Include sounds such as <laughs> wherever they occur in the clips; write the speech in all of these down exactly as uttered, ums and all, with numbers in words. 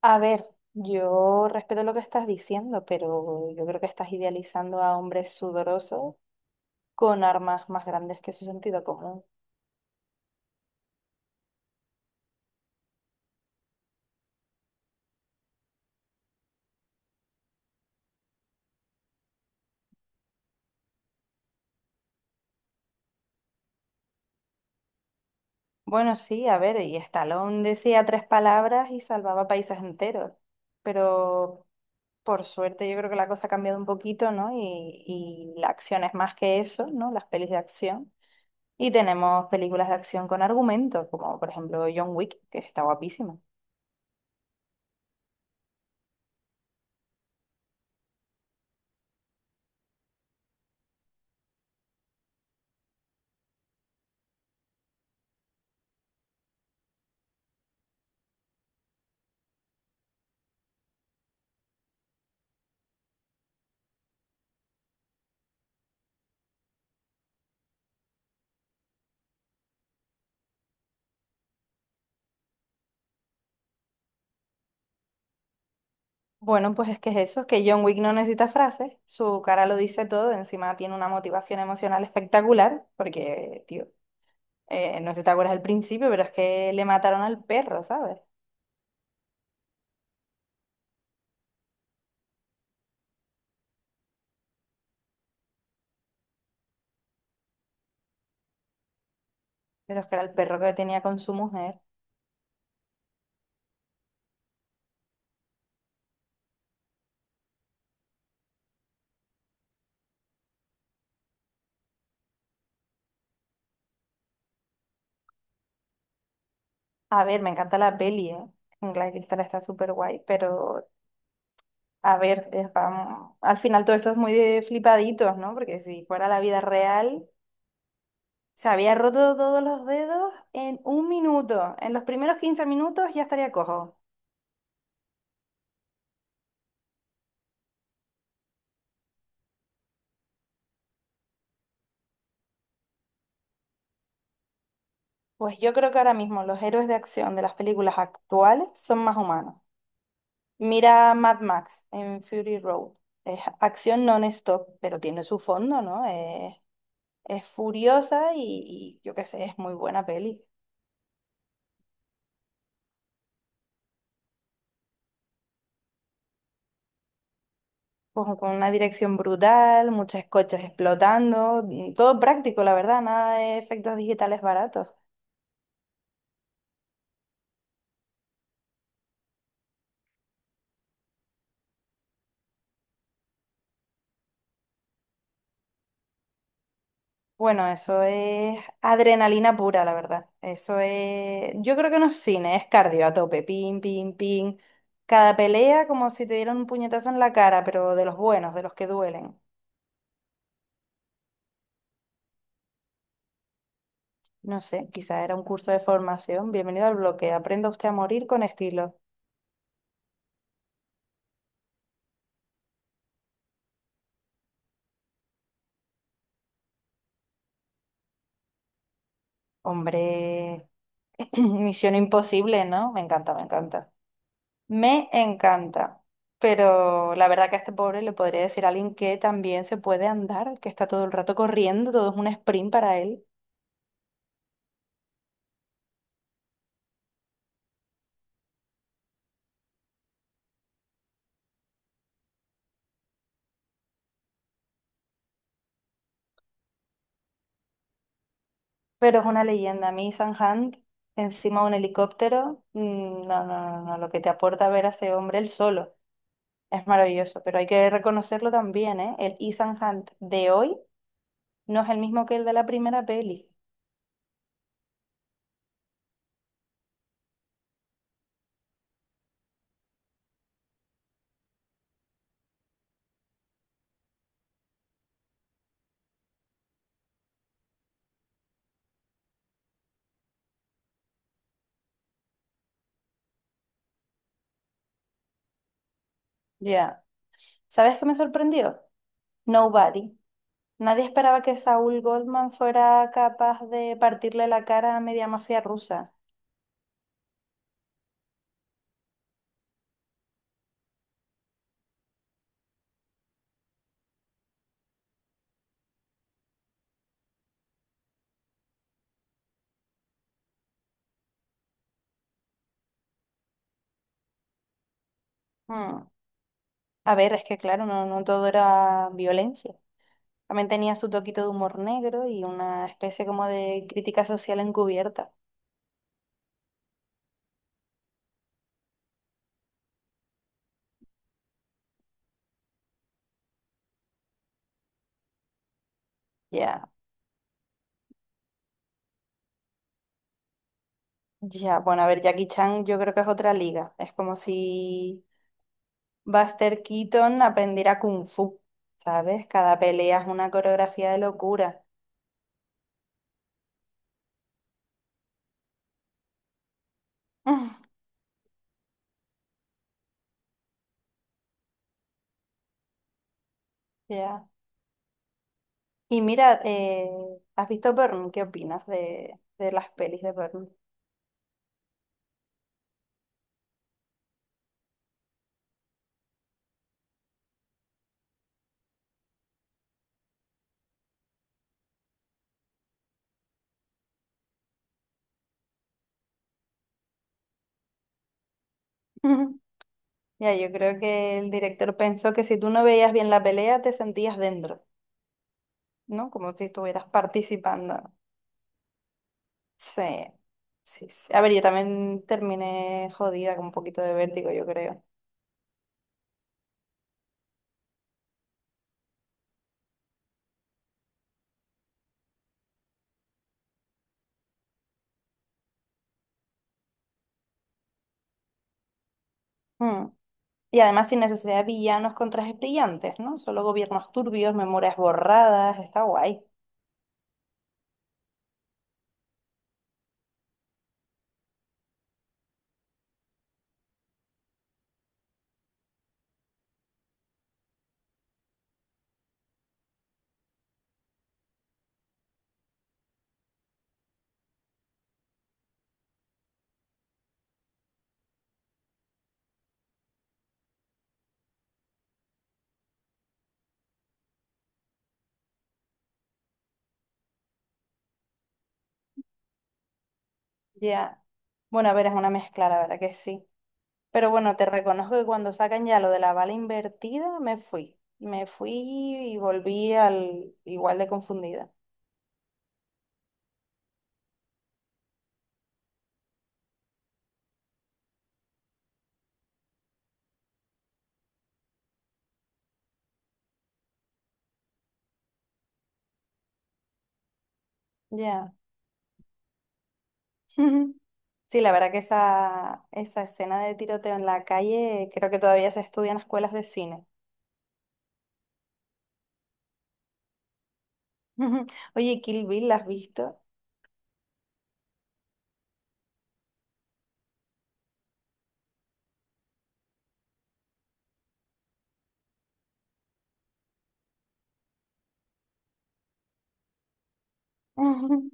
A ver, yo respeto lo que estás diciendo, pero yo creo que estás idealizando a hombres sudorosos con armas más grandes que su sentido común. Bueno, sí, a ver, y Stallone decía tres palabras y salvaba países enteros, pero por suerte yo creo que la cosa ha cambiado un poquito, ¿no? Y, y la acción es más que eso, ¿no? Las pelis de acción. Y tenemos películas de acción con argumentos, como por ejemplo John Wick, que está guapísima. Bueno, pues es que es eso, que John Wick no necesita frases, su cara lo dice todo, encima tiene una motivación emocional espectacular, porque, tío, eh, no sé si te acuerdas al principio, pero es que le mataron al perro, ¿sabes? Pero es que era el perro que tenía con su mujer. A ver, me encanta la peli, ¿eh? Claro Cristal está súper guay, pero a ver, es pa- al final todo esto es muy de flipaditos, ¿no? Porque si fuera la vida real, se había roto todos los dedos en un minuto, en los primeros quince minutos ya estaría cojo. Pues yo creo que ahora mismo los héroes de acción de las películas actuales son más humanos. Mira Mad Max en Fury Road. Es acción non-stop, pero tiene su fondo, ¿no? Es, es furiosa y, y yo qué sé, es muy buena peli. Con, con una dirección brutal, muchas coches explotando, mm, todo práctico, la verdad, nada de efectos digitales baratos. Bueno, eso es adrenalina pura, la verdad. Eso es, yo creo que no es cine, es cardio a tope, pin, pin, pin. Cada pelea como si te dieran un puñetazo en la cara, pero de los buenos, de los que duelen. No sé, quizás era un curso de formación. Bienvenido al bloque. Aprenda usted a morir con estilo. Hombre, <clears throat> misión imposible, ¿no? Me encanta, me encanta. Me encanta. Pero la verdad que a este pobre le podría decir a alguien que también se puede andar, que está todo el rato corriendo, todo es un sprint para él. Pero es una leyenda. A mí, Hunt, encima de un helicóptero, mm, no, no, no, no, lo que te aporta ver a ese hombre él solo es maravilloso. Pero hay que reconocerlo también, ¿eh? El Ethan Hunt de hoy no es el mismo que el de la primera peli. Ya. ¿Sabes qué me sorprendió? Nobody. Nadie esperaba que Saúl Goldman fuera capaz de partirle la cara a media mafia rusa. Mm. A ver, es que claro, no, no todo era violencia. También tenía su toquito de humor negro y una especie como de crítica social encubierta. Ya, ya. Bueno, a ver, Jackie Chan yo creo que es otra liga. Es como si Buster Keaton aprendiera Kung Fu, ¿sabes? Cada pelea es una coreografía de locura. <laughs> Ya. Y mira, eh, ¿has visto Burn? ¿Qué opinas de, de las pelis de Burn? <laughs> Ya, yo creo que el director pensó que si tú no veías bien la pelea, te sentías dentro, ¿no? Como si estuvieras participando. Sí, sí, sí. A ver, yo también terminé jodida con un poquito de vértigo, yo creo. Mm. Y además sin necesidad de villanos con trajes brillantes, ¿no? Solo gobiernos turbios, memorias borradas, está guay. Ya. Bueno, a ver, es una mezcla, la verdad que sí. Pero bueno, te reconozco que cuando sacan ya lo de la bala invertida, me fui. Me fui y volví al igual de confundida. Ya. <laughs> Sí, la verdad que esa, esa escena de tiroteo en la calle creo que todavía se estudia en escuelas de cine. <laughs> Oye, Kill Bill, ¿la has visto? Ujú.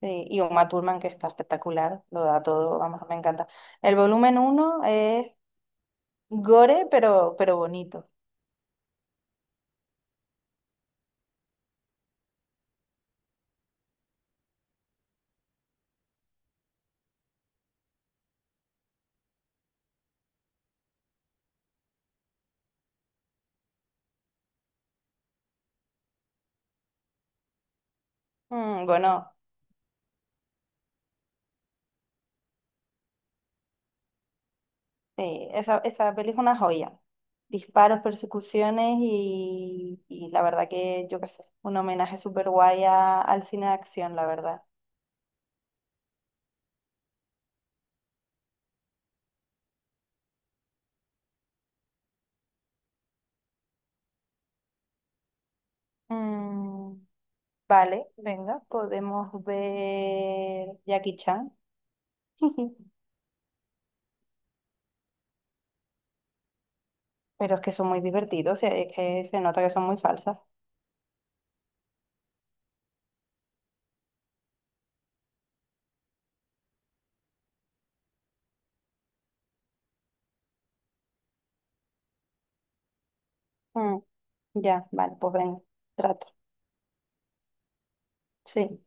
Sí, y Uma Thurman, que está espectacular, lo da todo, vamos, me encanta. El volumen uno es gore, pero, pero bonito. Mm, bueno, sí, esa, esa peli es una joya. Disparos, persecuciones y, y la verdad que, yo qué sé, un homenaje súper guay a- al cine de acción, la verdad. Mm, vale, venga, podemos ver Jackie Chan. <laughs> Pero es que son muy divertidos, y es que se nota que son muy falsas. Mm, ya, vale, pues venga, trato. Sí.